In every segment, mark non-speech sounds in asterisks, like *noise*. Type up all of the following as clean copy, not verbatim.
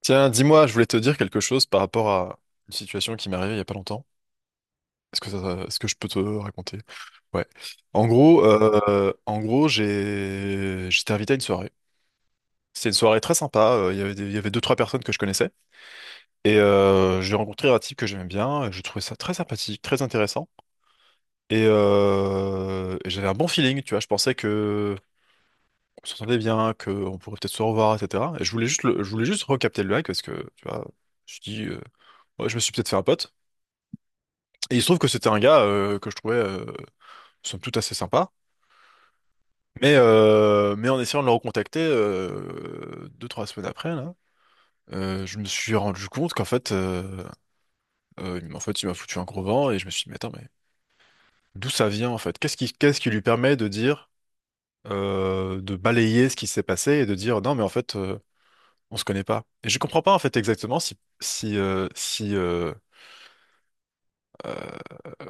Tiens, dis-moi, je voulais te dire quelque chose par rapport à une situation qui m'est arrivée il y a pas longtemps. Est-ce que ça, est-ce que je peux te raconter? Ouais. En gros, j'étais invité à une soirée. C'était une soirée très sympa. Il y avait il y avait deux, trois personnes que je connaissais. Et j'ai rencontré un type que j'aimais bien, et je trouvais ça très sympathique, très intéressant. Et j'avais un bon feeling, tu vois. Je pensais que on s'entendait bien, qu'on pourrait peut-être se revoir, etc. Et je voulais juste recapter le mec parce que, tu vois, je dis, euh, ouais, je me suis peut-être fait un pote. Et il se trouve que c'était un gars que je trouvais somme toute assez sympa. Mais en essayant de le recontacter deux, trois semaines après, là, je me suis rendu compte qu'en fait, il m'a foutu un gros vent et je me suis dit, mais attends, mais d'où ça vient en fait? Qu'est-ce qui lui permet de dire, de balayer ce qui s'est passé et de dire, non, mais en fait, on se connaît pas. Et je comprends pas en fait exactement si euh,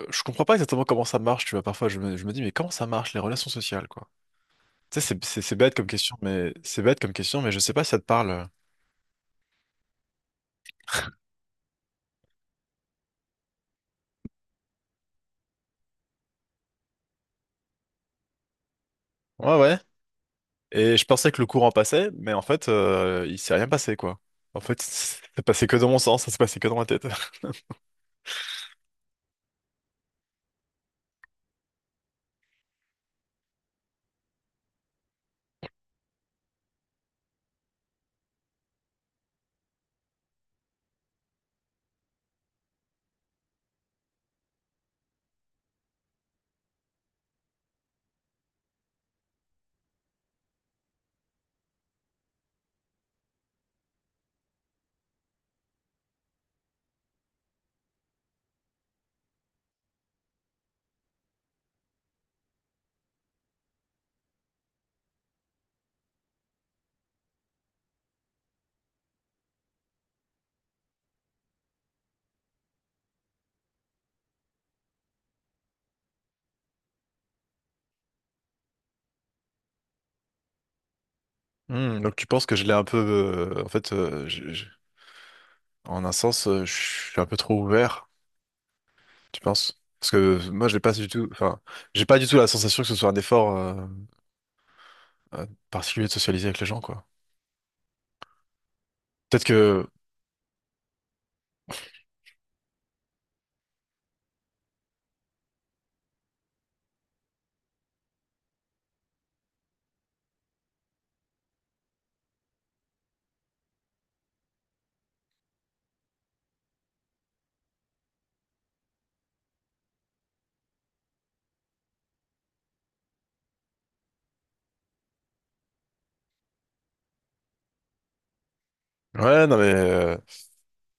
je comprends pas exactement comment ça marche, tu vois. Parfois, je me dis, mais comment ça marche les relations sociales, quoi? Tu sais, c'est bête comme question, mais c'est bête comme question, mais je sais pas si ça te parle. Ouais, ouais. Et je pensais que le courant passait, mais en fait, il s'est rien passé, quoi. En fait, c'est passé que dans mon sens, ça s'est passé que dans ma tête. *laughs* Hmm, donc tu penses que je l'ai un peu, en fait, en un sens, je suis un peu trop ouvert, tu penses? Parce que moi, j'ai pas du tout, enfin, j'ai pas du tout la sensation que ce soit un effort euh, particulier de socialiser avec les gens, quoi. Peut-être que, ouais, non mais,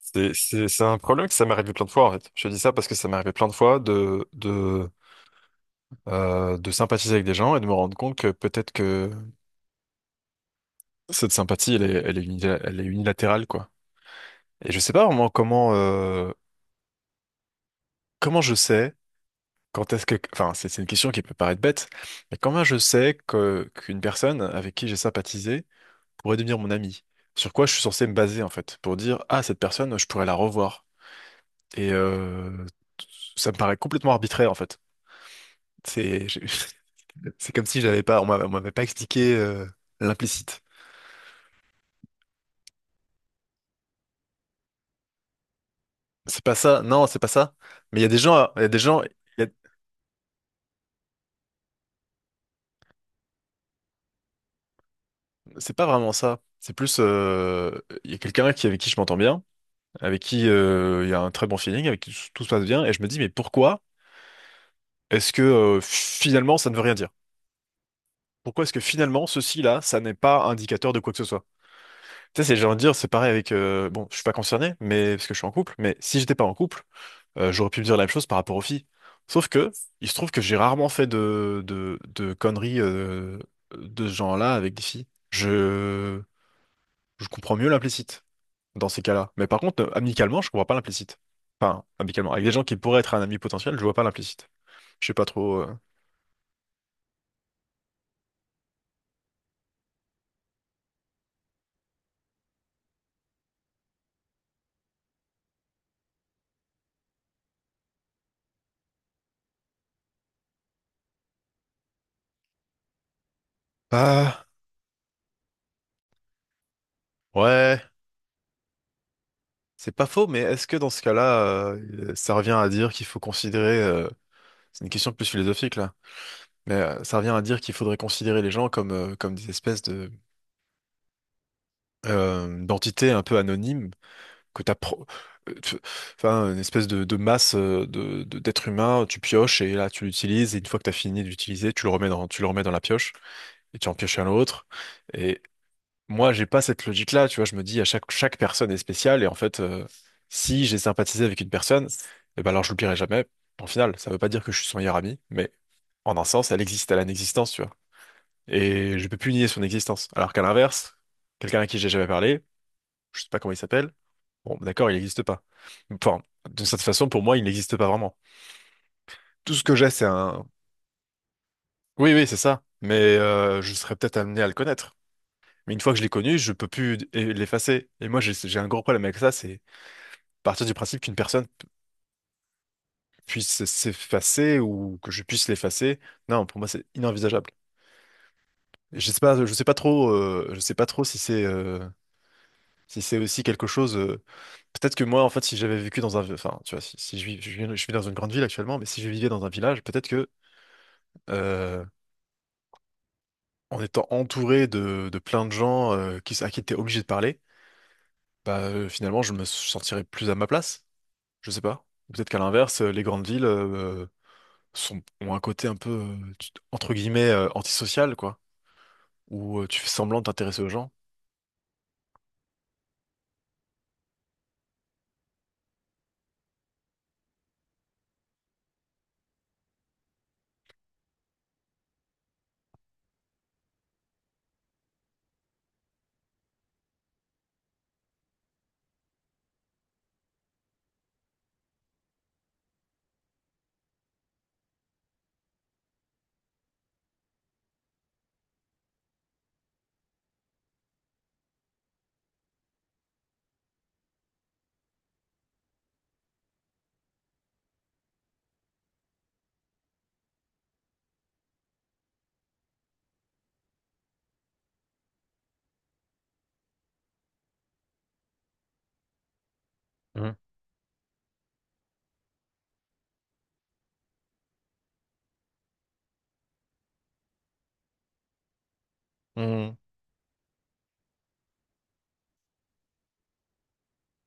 c'est, c'est un problème que ça m'est arrivé plein de fois en fait. Je te dis ça parce que ça m'est arrivé plein de fois de sympathiser avec des gens et de me rendre compte que peut-être que cette sympathie elle est unilatérale quoi. Et je sais pas vraiment comment, comment je sais quand est-ce que, enfin c'est une question qui peut paraître bête, mais comment je sais que, qu'une personne avec qui j'ai sympathisé pourrait devenir mon ami? Sur quoi je suis censé me baser en fait pour dire ah cette personne je pourrais la revoir. Et ça me paraît complètement arbitraire en fait. C'est je- *laughs* c'est comme si j'avais pas, on m'avait pas expliqué l'implicite. C'est pas ça, non, c'est pas ça. Mais il y a des gens, il y a des gens, il y a- c'est pas vraiment ça. C'est plus, il y a quelqu'un qui avec qui je m'entends bien, avec qui il y a un très bon feeling, avec qui tout se passe bien, et je me dis, mais pourquoi est-ce que finalement ça ne veut rien dire? Pourquoi est-ce que finalement ceci-là, ça n'est pas indicateur de quoi que ce soit? Tu sais, c'est genre de dire, c'est pareil avec, bon, je suis pas concerné, mais parce que je suis en couple, mais si j'étais pas en couple, j'aurais pu me dire la même chose par rapport aux filles. Sauf que, il se trouve que j'ai rarement fait de conneries de ce genre-là avec des filles. Je comprends mieux l'implicite dans ces cas-là. Mais par contre, amicalement, je comprends pas l'implicite. Enfin, amicalement. Avec des gens qui pourraient être un ami potentiel, je vois pas l'implicite. Je sais pas trop. Ah, ouais, c'est pas faux, mais est-ce que dans ce cas-là, ça revient à dire qu'il faut considérer. C'est une question plus philosophique là. Mais ça revient à dire qu'il faudrait considérer les gens comme, comme des espèces de d'entités un peu anonymes que t'as pro- tu- enfin une espèce de masse d'êtres humains tu pioches et là tu l'utilises et une fois que tu as fini de l'utiliser tu le remets dans la pioche et tu en pioches un autre et moi j'ai pas cette logique là tu vois je me dis à chaque chaque personne est spéciale et en fait si j'ai sympathisé avec une personne eh ben alors je l'oublierai jamais en final ça veut pas dire que je suis son meilleur ami mais en un sens elle existe elle a une existence tu vois et je peux plus nier son existence alors qu'à l'inverse quelqu'un à qui j'ai jamais parlé je sais pas comment il s'appelle. Bon, d'accord, il n'existe pas. Enfin, de cette façon, pour moi, il n'existe pas vraiment. Tout ce que j'ai, c'est un... Oui, oui, c'est ça. Mais je serais peut-être amené à le connaître. Mais une fois que je l'ai connu, je peux plus l'effacer. Et moi, j'ai un gros problème avec ça, c'est partir du principe qu'une personne puisse s'effacer ou que je puisse l'effacer. Non, pour moi, c'est inenvisageable. Je sais pas trop, je sais pas trop si c'est si c'est aussi quelque chose. Peut-être que moi, en fait, si j'avais vécu dans un, enfin, tu vois, si je vis dans une grande ville actuellement, mais si je vivais dans un village, peut-être que euh, en étant entouré de plein de gens à qui tu es obligé de parler, bah, finalement, je me sentirais plus à ma place. Je sais pas. Ou peut-être qu'à l'inverse, les grandes villes ont un côté un peu, entre guillemets, antisocial, quoi, où tu fais semblant de t'intéresser aux gens. Mhm. Hmm.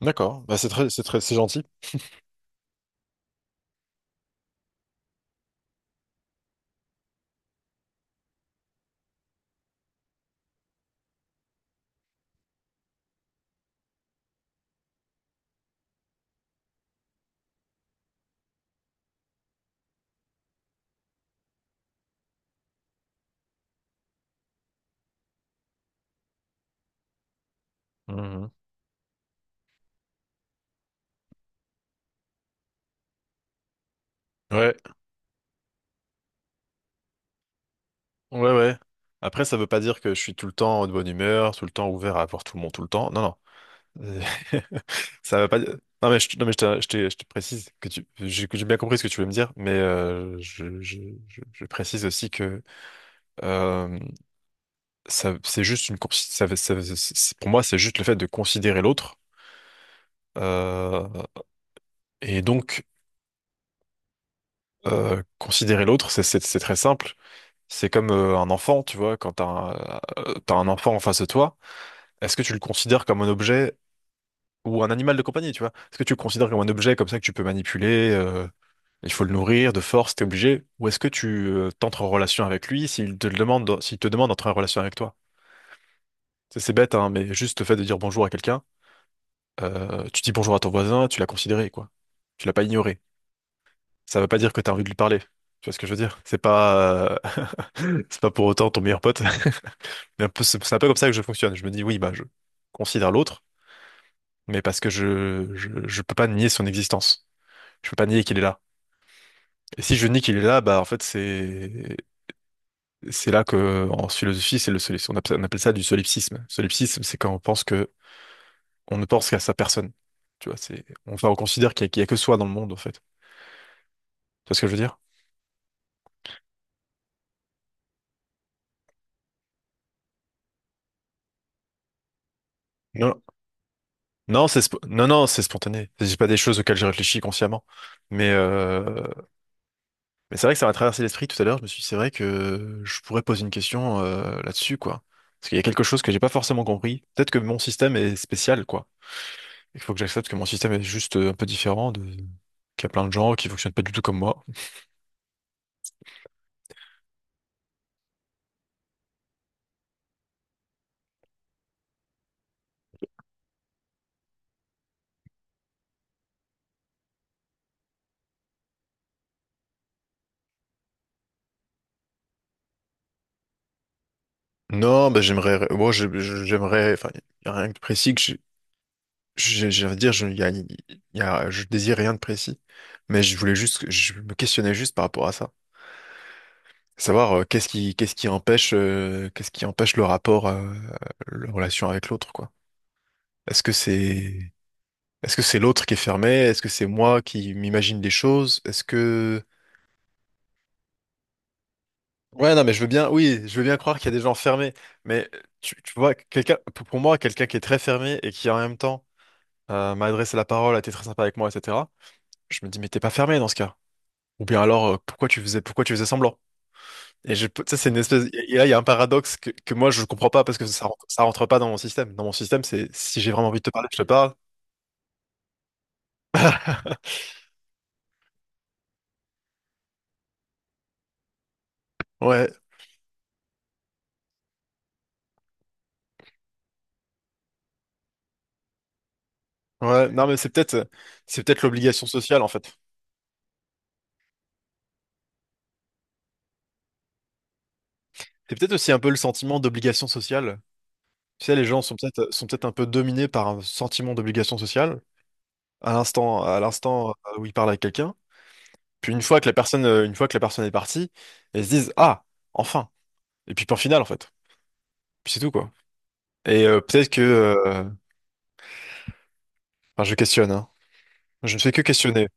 D'accord, bah, c'est très, c'est très, c'est gentil. Mhm. Ouais, ouais, ouais. Après, ça veut pas dire que je suis tout le temps de bonne humeur, tout le temps ouvert à voir tout le monde, tout le temps. Non, non. Euh, *laughs* Ça va pas. Non, je te précise que tu, j'ai que j'ai bien compris ce que tu veux me dire, mais je précise aussi que euh, ça, c'est juste une, consi- ça- c'est- pour moi, c'est juste le fait de considérer l'autre. Euh, et donc, Considérer l'autre, c'est très simple. C'est comme un enfant, tu vois, t'as un enfant en face de toi, est-ce que tu le considères comme un objet ou un animal de compagnie, tu vois? Est-ce que tu le considères comme un objet comme ça que tu peux manipuler? Il faut le nourrir de force, t'es obligé. Ou est-ce que tu t'entres en relation avec lui s'il te le demande, s'il te demande d'entrer en relation avec toi? C'est bête, hein, mais juste le fait de dire bonjour à quelqu'un, tu dis bonjour à ton voisin, tu l'as considéré, quoi. Tu l'as pas ignoré. Ça veut pas dire que t'as envie de lui parler. Tu vois ce que je veux dire? C'est pas, *laughs* c'est pas pour autant ton meilleur pote. *laughs* C'est un peu comme ça que je fonctionne. Je me dis oui, bah je considère l'autre, mais parce que je je peux pas nier son existence. Je peux pas nier qu'il est là. Et si je nie qu'il est là, bah en fait c'est là que, en philosophie, c'est le solipsisme. On appelle ça du solipsisme. Solipsisme, c'est quand on pense que, on ne pense qu'à sa personne. Tu vois, enfin, on considère qu'il y a que soi dans le monde, en fait. Tu vois ce que je veux dire? Non, non, non, non, c'est spontané. C'est pas des choses auxquelles j'ai réfléchi consciemment. Mais, euh, mais c'est vrai que ça m'a traversé l'esprit tout à l'heure. Je me suis dit, c'est vrai que je pourrais poser une question, là-dessus, quoi. Parce qu'il y a quelque chose que j'ai pas forcément compris. Peut-être que mon système est spécial, quoi. Il faut que j'accepte que mon système est juste un peu différent de, qu'il y a plein de gens qui fonctionnent pas du tout comme moi. Non, bah, j'aimerais, moi, je- j'aimerais, enfin, il y a rien de précis que j'ai envie de dire, je, y a, y a- je désire rien de précis, mais je voulais juste, je me questionnais juste par rapport à ça, savoir qu'est-ce qui empêche le rapport, la relation avec l'autre, quoi. Est-ce que c'est, est-ce que c'est l'autre qui est fermé? Est-ce que c'est moi qui m'imagine des choses? Est-ce que. Ouais, non, mais je veux bien, oui, je veux bien croire qu'il y a des gens fermés, mais tu vois, quelqu'un, pour moi, quelqu'un qui est très fermé et qui en même temps m'a adressé la parole, a été très sympa avec moi, etc. Je me dis, mais t'es pas fermé dans ce cas. Ou bien alors, pourquoi tu faisais semblant? Et ça, c'est une espèce, et là, il y a un paradoxe que moi, je comprends pas parce que ça rentre pas dans mon système. Dans mon système, c'est si j'ai vraiment envie de te parler, je te parle. *laughs* Ouais, ouais, non, mais c'est peut-être l'obligation sociale, en fait. C'est peut-être aussi un peu le sentiment d'obligation sociale. Tu sais, les gens sont peut-être un peu dominés par un sentiment d'obligation sociale à l'instant où ils parlent avec quelqu'un. Puis une fois que la personne est partie, ils se disent ah enfin. Et puis point final en fait. Puis c'est tout quoi. Et peut-être que enfin, je questionne, hein. Je ne fais que questionner.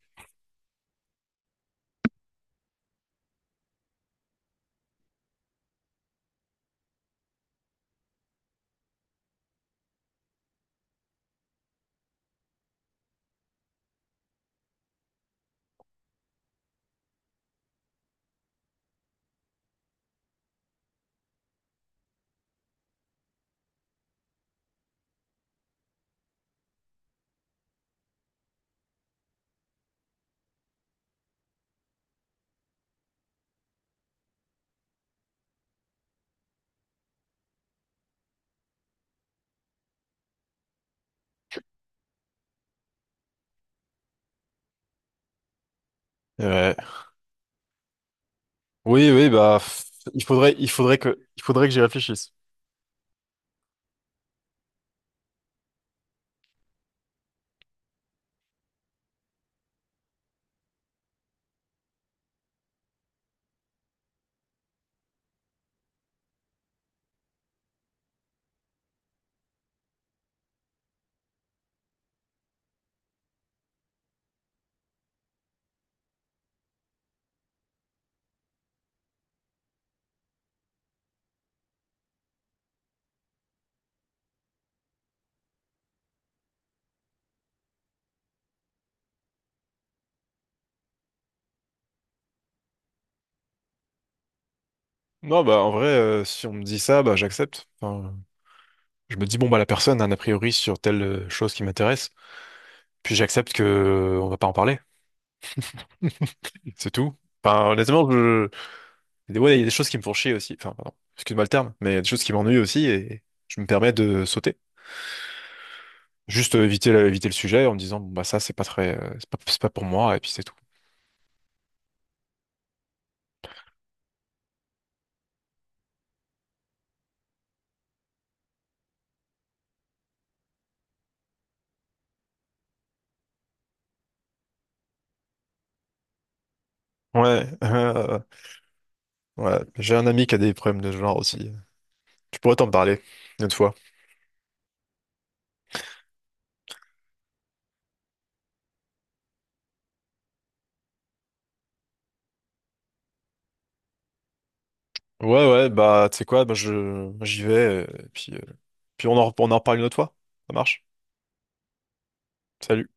Ouais. Oui oui il faudrait que j'y réfléchisse. Non bah en vrai si on me dit ça bah j'accepte. Enfin, je me dis bon bah la personne a un a priori sur telle chose qui m'intéresse. Puis j'accepte que on va pas en parler. *laughs* C'est tout. Enfin, honnêtement, je... il y a des choses qui me font chier aussi. Enfin, pardon, excuse-moi le terme, mais il y a des choses qui m'ennuient aussi et je me permets de sauter. Juste éviter le sujet en me disant, bon, bah, ça, c'est pas très, c'est pas pour moi, et puis c'est tout. Ouais, *laughs* ouais, j'ai un ami qui a des problèmes de ce genre aussi. Tu pourrais t'en parler une autre fois. Ouais, ouais, bah, tu sais quoi, j'y vais, puis on en reparle une autre fois. Ça marche? Salut.